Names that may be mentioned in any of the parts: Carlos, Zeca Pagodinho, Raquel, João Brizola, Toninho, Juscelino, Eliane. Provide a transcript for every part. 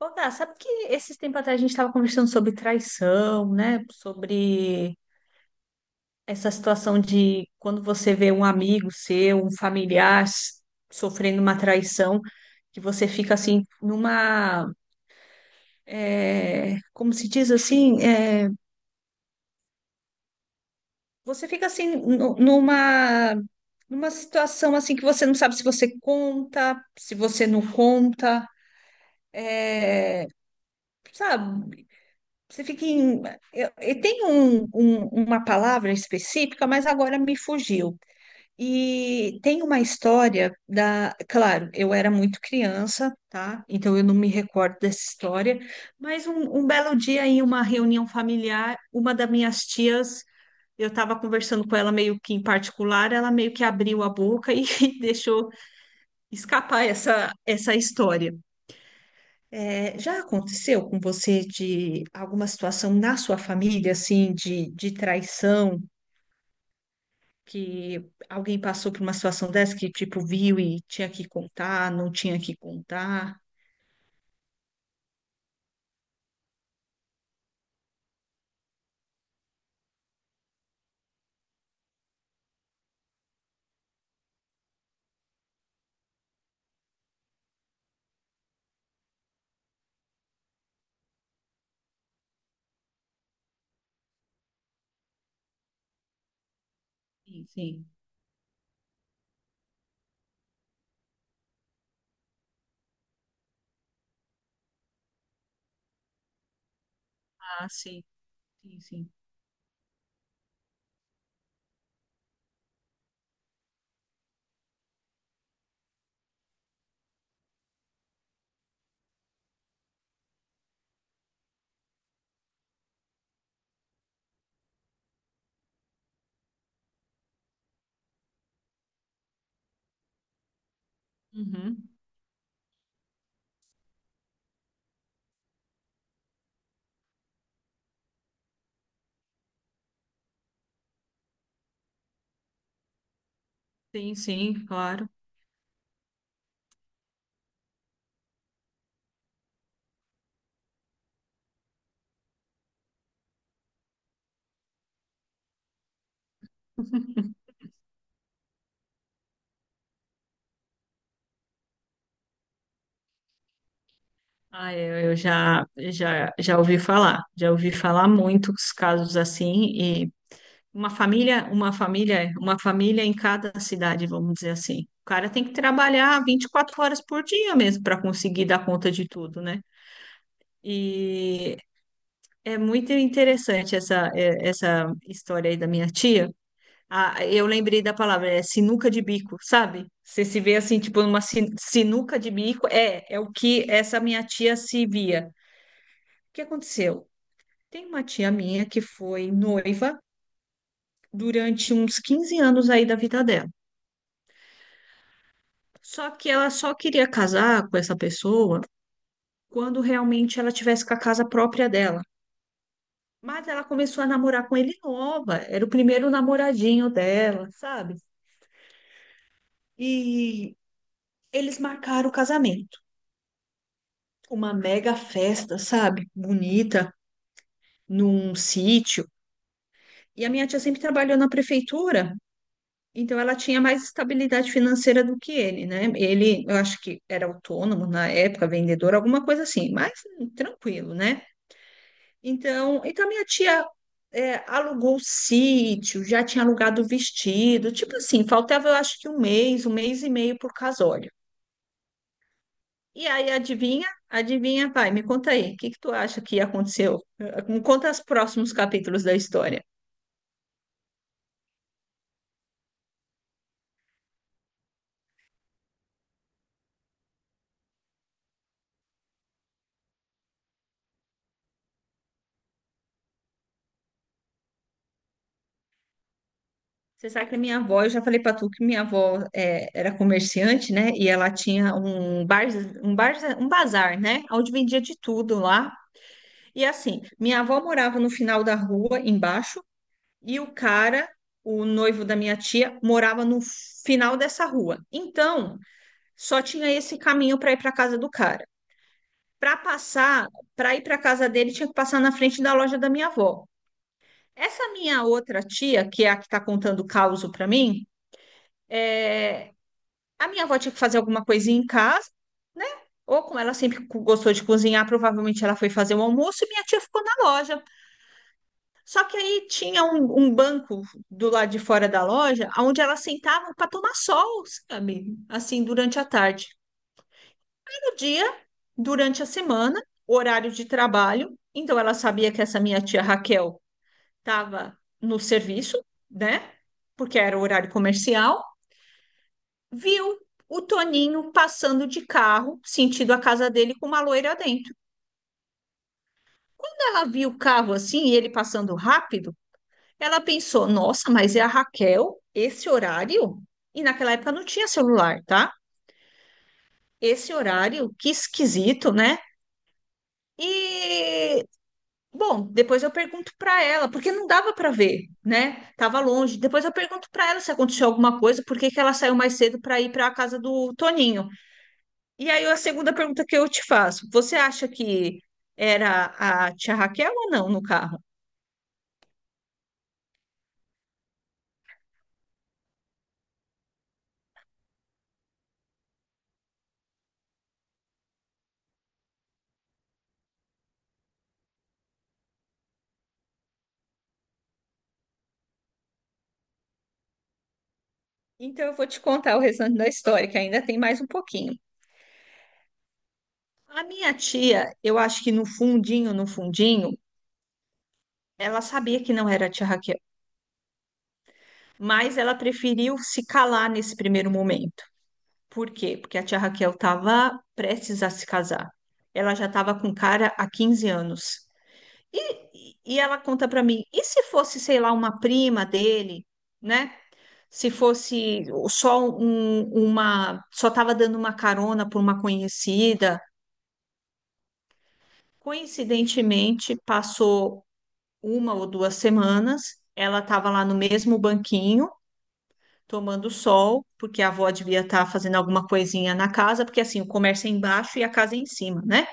Ô, Gá, sabe que esses tempos atrás a gente estava conversando sobre traição, né? Sobre essa situação de quando você vê um amigo seu, um familiar sofrendo uma traição, que você fica assim numa, como se diz assim, você fica assim numa situação assim que você não sabe se você conta, se você não conta, é, sabe? Você fica em. Eu tenho uma palavra específica, mas agora me fugiu. E tem uma história da. Claro, eu era muito criança, tá? Então eu não me recordo dessa história. Mas um belo dia, em uma reunião familiar, uma das minhas tias, eu estava conversando com ela meio que em particular, ela meio que abriu a boca e deixou escapar essa história. Já aconteceu com você de alguma situação na sua família, assim, de traição, que alguém passou por uma situação dessa que, tipo, viu e tinha que contar, não tinha que contar? Sim, sim. Ah, sim, sim, sim. Uhum. Sim, sim, claro. Ah, eu já ouvi falar muito os casos assim. Uma família em cada cidade, vamos dizer assim. O cara tem que trabalhar 24 horas por dia mesmo para conseguir dar conta de tudo, né? E é muito interessante essa, essa história aí da minha tia. Ah, eu lembrei da palavra, é sinuca de bico, sabe? Você se vê assim, tipo, numa sinuca de bico, é o que essa minha tia se via. O que aconteceu? Tem uma tia minha que foi noiva durante uns 15 anos aí da vida dela. Só que ela só queria casar com essa pessoa quando realmente ela tivesse com a casa própria dela. Mas ela começou a namorar com ele nova, era o primeiro namoradinho dela, sabe? E eles marcaram o casamento, uma mega festa, sabe? Bonita, num sítio. E a minha tia sempre trabalhou na prefeitura, então ela tinha mais estabilidade financeira do que ele, né? Ele, eu acho que era autônomo na época, vendedor, alguma coisa assim, mas tranquilo, né? Então, então minha tia alugou o sítio, já tinha alugado o vestido, tipo assim, faltava eu acho que um mês e meio por casório. E aí, adivinha? Adivinha, pai, me conta aí, o que que tu acha que aconteceu? Me conta os próximos capítulos da história. Você sabe que a minha avó, eu já falei para tu que minha avó era comerciante, né? E ela tinha um bazar, né? Onde vendia de tudo lá. E assim, minha avó morava no final da rua, embaixo, e o cara, o noivo da minha tia, morava no final dessa rua. Então, só tinha esse caminho para ir para casa do cara. Para passar, para ir para casa dele, tinha que passar na frente da loja da minha avó. Essa minha outra tia, que é a que está contando o caos para mim, é, a minha avó tinha que fazer alguma coisinha em casa, né? Ou como ela sempre gostou de cozinhar, provavelmente ela foi fazer o almoço e minha tia ficou na loja. Só que aí tinha um banco do lado de fora da loja, onde elas sentavam para tomar sol, sabe? Assim, durante a tarde. Todo dia, durante a semana, horário de trabalho. Então, ela sabia que essa minha tia Raquel estava no serviço, né? Porque era horário comercial. Viu o Toninho passando de carro, sentido a casa dele, com uma loira dentro. Quando ela viu o carro assim, e ele passando rápido, ela pensou, nossa, mas é a Raquel, esse horário? E naquela época não tinha celular, tá? Esse horário, que esquisito, né? E, bom, depois eu pergunto para ela, porque não dava para ver, né? Tava longe. Depois eu pergunto para ela se aconteceu alguma coisa, por que que ela saiu mais cedo para ir para a casa do Toninho. E aí a segunda pergunta que eu te faço, você acha que era a tia Raquel ou não no carro? Então eu vou te contar o restante da história, que ainda tem mais um pouquinho. A minha tia, eu acho que no fundinho, no fundinho, ela sabia que não era a tia Raquel, mas ela preferiu se calar nesse primeiro momento. Por quê? Porque a tia Raquel estava prestes a se casar. Ela já estava com cara há 15 anos. E ela conta para mim, e se fosse, sei lá, uma prima dele, né? Se fosse só só estava dando uma carona por uma conhecida, coincidentemente passou uma ou duas semanas, ela estava lá no mesmo banquinho, tomando sol, porque a avó devia estar fazendo alguma coisinha na casa, porque assim, o comércio é embaixo e a casa é em cima, né?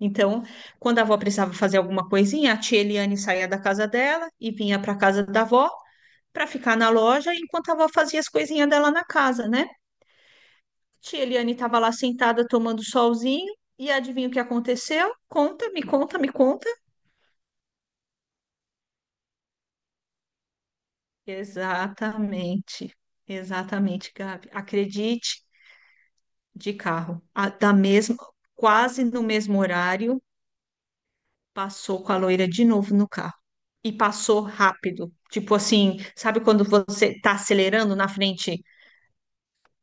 Então, quando a avó precisava fazer alguma coisinha, a tia Eliane saía da casa dela e vinha para a casa da avó para ficar na loja enquanto a avó fazia as coisinhas dela na casa, né? Tia Eliane estava lá sentada tomando solzinho e adivinha o que aconteceu? Conta, me conta, me conta. Exatamente, exatamente, Gabi. Acredite, de carro, da mesma, quase no mesmo horário, passou com a loira de novo no carro. E passou rápido. Tipo assim, sabe quando você tá acelerando na frente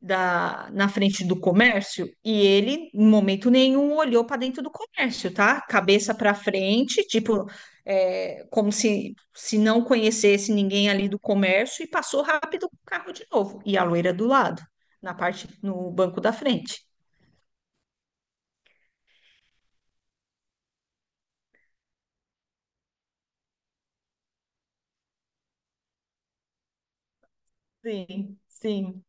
na frente do comércio e ele, em momento nenhum, olhou para dentro do comércio, tá? Cabeça para frente, tipo, como se não conhecesse ninguém ali do comércio e passou rápido com o carro de novo. E a loira do lado, na parte, no banco da frente. Sim, sim.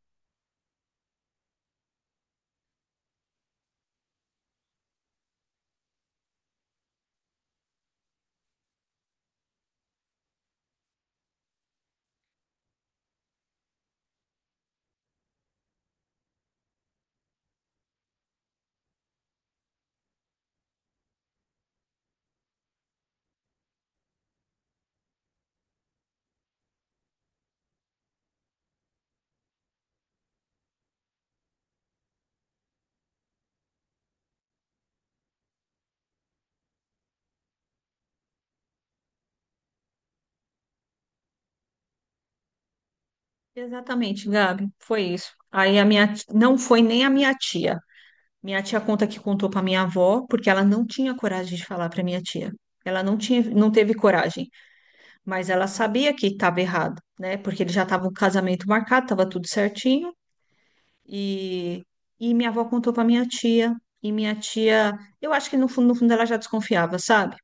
Exatamente, Gabi, foi isso. Aí a minha, não foi nem a minha tia. Minha tia conta que contou para minha avó, porque ela não tinha coragem de falar para minha tia. Ela não tinha, não teve coragem. Mas ela sabia que estava errado, né? Porque ele já estava o casamento marcado, estava tudo certinho. E, e minha avó contou para minha tia. E minha tia, eu acho que no fundo, no fundo ela já desconfiava, sabe?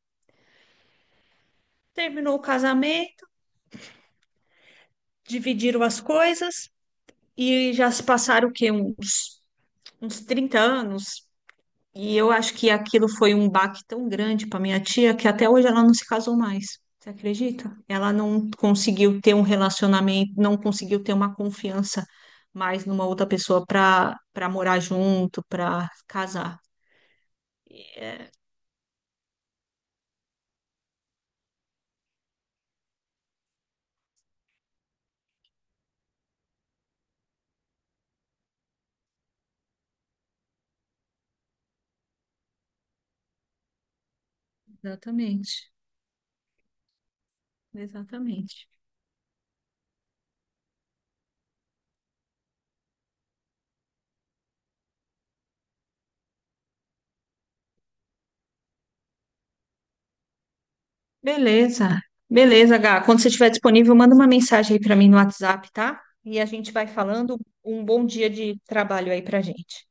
Terminou o casamento, dividiram as coisas e já se passaram o quê? Uns 30 anos. E eu acho que aquilo foi um baque tão grande para minha tia que até hoje ela não se casou mais. Você acredita? Ela não conseguiu ter um relacionamento, não conseguiu ter uma confiança mais numa outra pessoa para morar junto, para casar. Exatamente, exatamente. Beleza, beleza, Gá. Quando você estiver disponível, manda uma mensagem aí para mim no WhatsApp, tá? E a gente vai falando. Um bom dia de trabalho aí para gente.